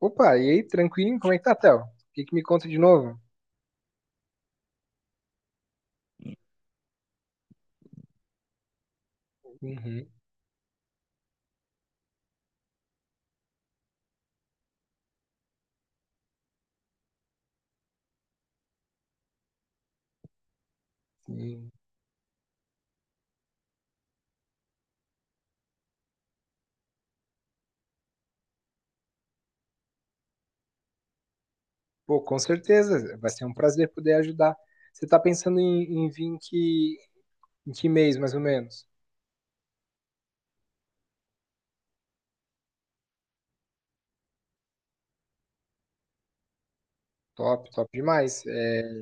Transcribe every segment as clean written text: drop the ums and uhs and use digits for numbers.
Opa, e aí, tranquilo? Como é que tá, Théo? O que que me conta de novo? Uhum, sim. Pô, com certeza, vai ser um prazer poder ajudar. Você tá pensando em vir em que mês, mais ou menos? Top, top demais. É,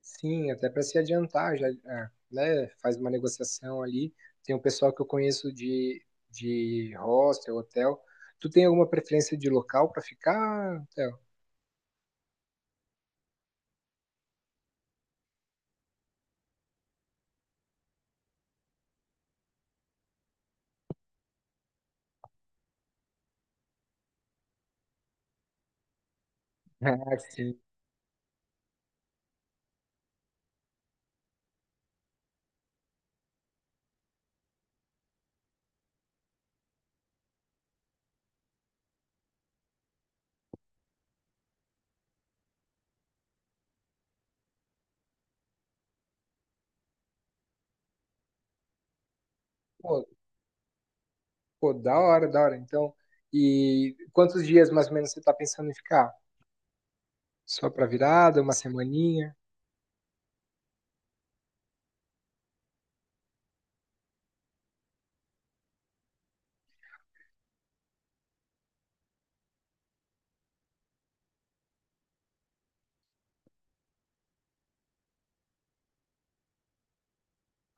sim, até para se adiantar, já, é, né, faz uma negociação ali. Tem um pessoal que eu conheço de hostel, hotel. Tu tem alguma preferência de local para ficar, Théo? Ah, sim. Pô, da hora, da hora. Então, e quantos dias mais ou menos você tá pensando em ficar? Só pra virada, uma semaninha?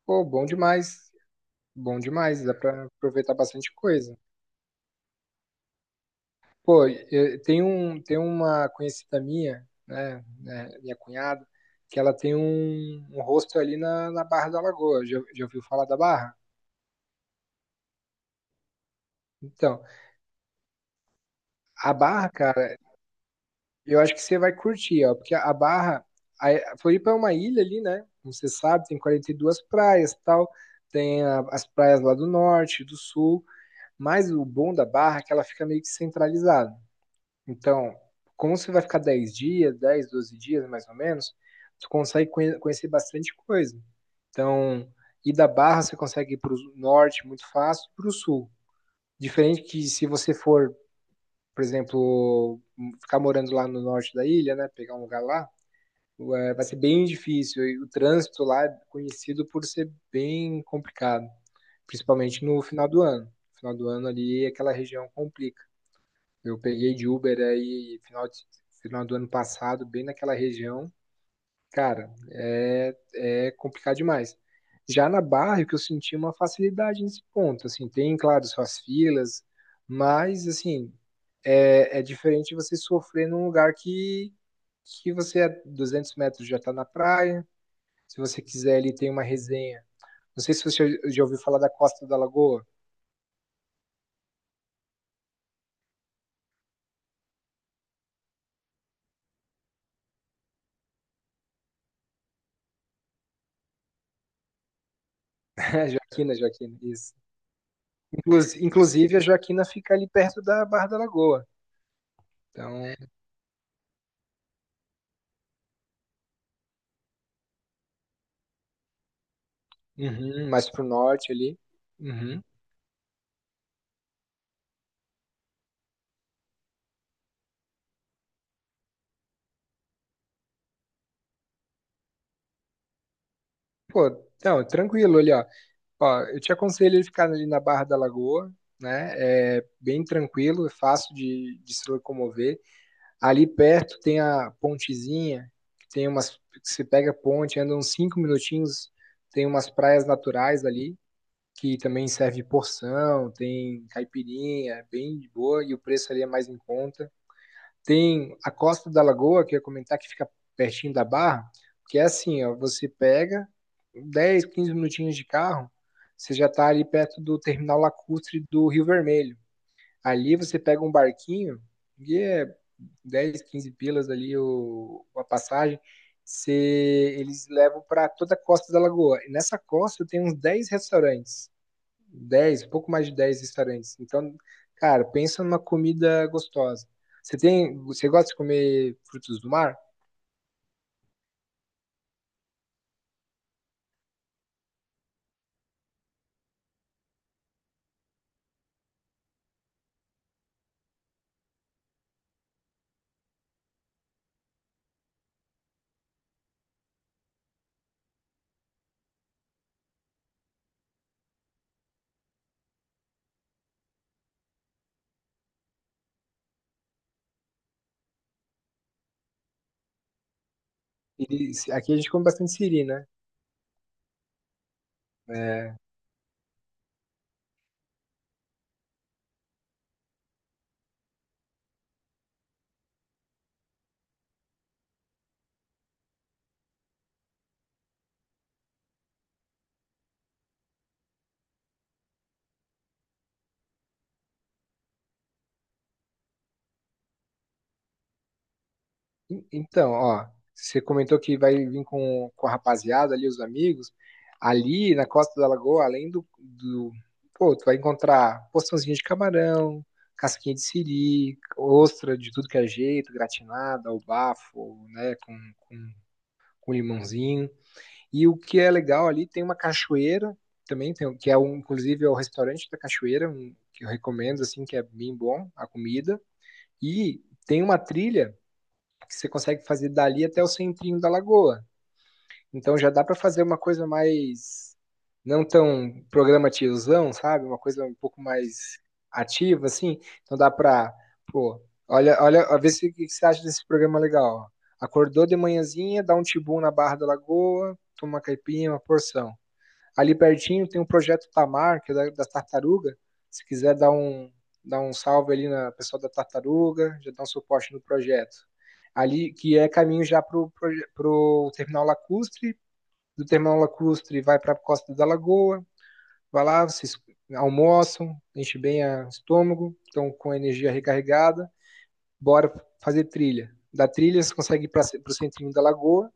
Pô, bom demais. Bom demais, dá pra aproveitar bastante coisa. Pô, tem uma conhecida minha, né, minha cunhada, que ela tem um rosto ali na Barra da Lagoa. Já ouviu falar da Barra? Então, a Barra, cara, eu acho que você vai curtir, ó, porque a Barra, a Floripa é uma ilha ali, né? Como você sabe, tem 42 praias, tal, tem as praias lá do norte, do sul, mas o bom da Barra é que ela fica meio que centralizada. Então, como você vai ficar 10 dias, 10, 12 dias mais ou menos, tu consegue conhecer bastante coisa. Então, ir da Barra você consegue ir para o norte muito fácil, para o sul. Diferente que se você for, por exemplo, ficar morando lá no norte da ilha, né? Pegar um lugar lá, é, vai ser bem difícil. E o trânsito lá é conhecido por ser bem complicado, principalmente no final do ano. No final do ano ali, aquela região complica. Eu peguei de Uber aí final do ano passado, bem naquela região. Cara, é complicado demais. Já na Barra, que eu senti é uma facilidade nesse ponto, assim, tem, claro, suas filas, mas, assim, é diferente você sofrer num lugar que você, a 200 metros, já está na praia. Se você quiser, ali tem uma resenha. Não sei se você já ouviu falar da Costa da Lagoa. É, Joaquina, Joaquina, isso. Inclusive, a Joaquina fica ali perto da Barra da Lagoa. Então, uhum, mais pro norte ali. Uhum. Pô, não, tranquilo ali, ó. Ó, eu te aconselho ele ficar ali na Barra da Lagoa, né? É bem tranquilo, é fácil de se locomover. Ali perto tem a pontezinha, você pega a ponte, anda uns 5 minutinhos, tem umas praias naturais ali, que também serve porção, tem caipirinha, é bem de boa, e o preço ali é mais em conta. Tem a Costa da Lagoa, que eu ia comentar, que fica pertinho da Barra, que é assim, ó, você pega 10, 15 minutinhos de carro, você já está ali perto do terminal lacustre do Rio Vermelho. Ali você pega um barquinho, e é 10, 15 pilas ali a passagem. Você, eles levam para toda a Costa da Lagoa. E nessa costa tem uns 10 restaurantes. 10, pouco mais de 10 restaurantes. Então, cara, pensa numa comida gostosa. Você gosta de comer frutos do mar? Aqui a gente come bastante siri, né? É, então, ó, você comentou que vai vir com a rapaziada ali, os amigos. Ali na Costa da Lagoa, pô, tu vai encontrar porçãozinha de camarão, casquinha de siri, ostra de tudo que é jeito, gratinada, ao bafo, né? Com, com limãozinho. E o que é legal ali, tem uma cachoeira também, tem, que é um, inclusive é o restaurante da cachoeira, um, que eu recomendo, assim, que é bem bom a comida. E tem uma trilha que você consegue fazer dali até o centrinho da Lagoa. Então já dá para fazer uma coisa mais não tão programativozão, sabe? Uma coisa um pouco mais ativa, assim. Então dá para, pô, olha, olha, ó, vê se o que você acha desse programa legal. Ó. Acordou de manhãzinha, dá um tibum na Barra da Lagoa, toma uma caipinha, uma porção. Ali pertinho tem um projeto Tamar, que é da Tartaruga. Se quiser dar um salve ali na pessoa da Tartaruga, já dá um suporte no projeto. Ali, que é caminho já para o Terminal Lacustre. Do Terminal Lacustre vai para a Costa da Lagoa. Vai lá, vocês almoçam, enche bem o estômago, estão com a energia recarregada. Bora fazer trilha. Da trilha você consegue ir para o centrinho da Lagoa.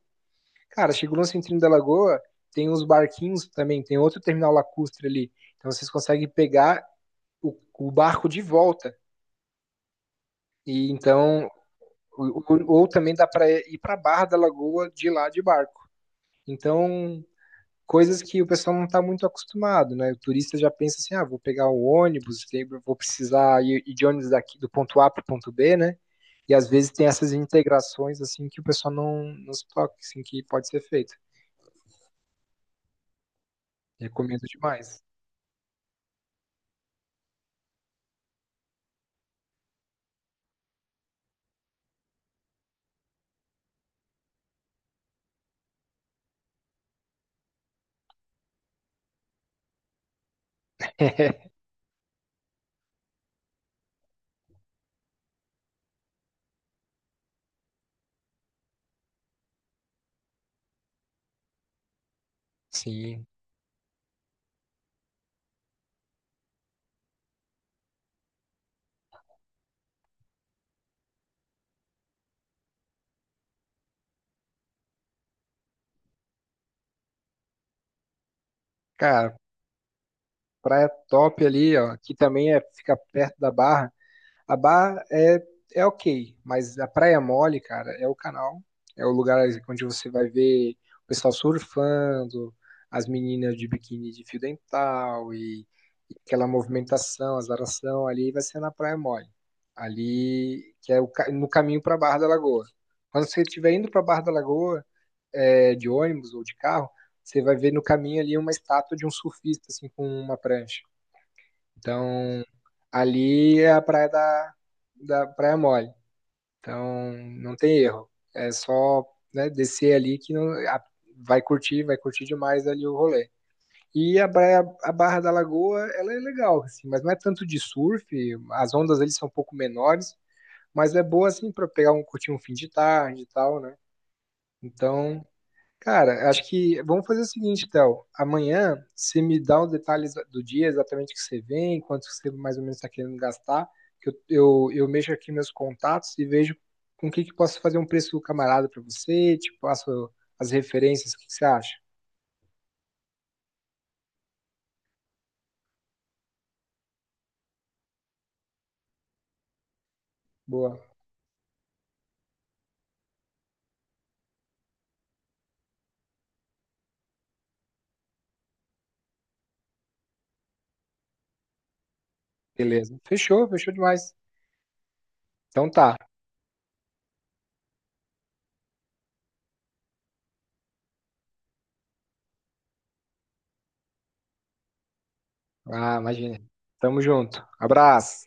Cara, chegou no centrinho da Lagoa, tem uns barquinhos também, tem outro terminal lacustre ali. Então vocês conseguem pegar o barco de volta. E então, ou também dá para ir para a Barra da Lagoa de lá de barco. Então, coisas que o pessoal não está muito acostumado, né? O turista já pensa assim: ah, vou pegar o ônibus, vou precisar ir de ônibus daqui do ponto A para o ponto B, né? E às vezes tem essas integrações assim que o pessoal não se toca, assim, que pode ser feito. Recomendo demais. Sim. Cara, praia top ali, ó. Aqui também é, fica perto da Barra. A Barra é ok, mas a Praia Mole, cara, é o canal. É o lugar onde você vai ver o pessoal surfando, as meninas de biquíni de fio dental e aquela movimentação, azaração ali, vai ser na Praia Mole. Ali, que é o no caminho para Barra da Lagoa. Quando você estiver indo para Barra da Lagoa, é, de ônibus ou de carro, você vai ver no caminho ali uma estátua de um surfista, assim, com uma prancha. Então, ali é a praia da Praia Mole. Então, não tem erro. É só, né, descer ali que não, vai curtir demais ali o rolê. E a praia, a Barra da Lagoa, ela é legal, assim, mas não é tanto de surf, as ondas ali são um pouco menores, mas é boa, assim, para curtir um fim de tarde e tal, né? Então, cara, acho que vamos fazer o seguinte, Théo. Amanhã você me dá os detalhes do dia, exatamente o que você vem, quanto que você mais ou menos está querendo gastar, que eu mexo aqui meus contatos e vejo com o que, que posso fazer um preço camarada para você, te passo as referências. O que, que você acha? Boa, beleza. Fechou, fechou demais. Então tá. Ah, imagina. Tamo junto. Abraço.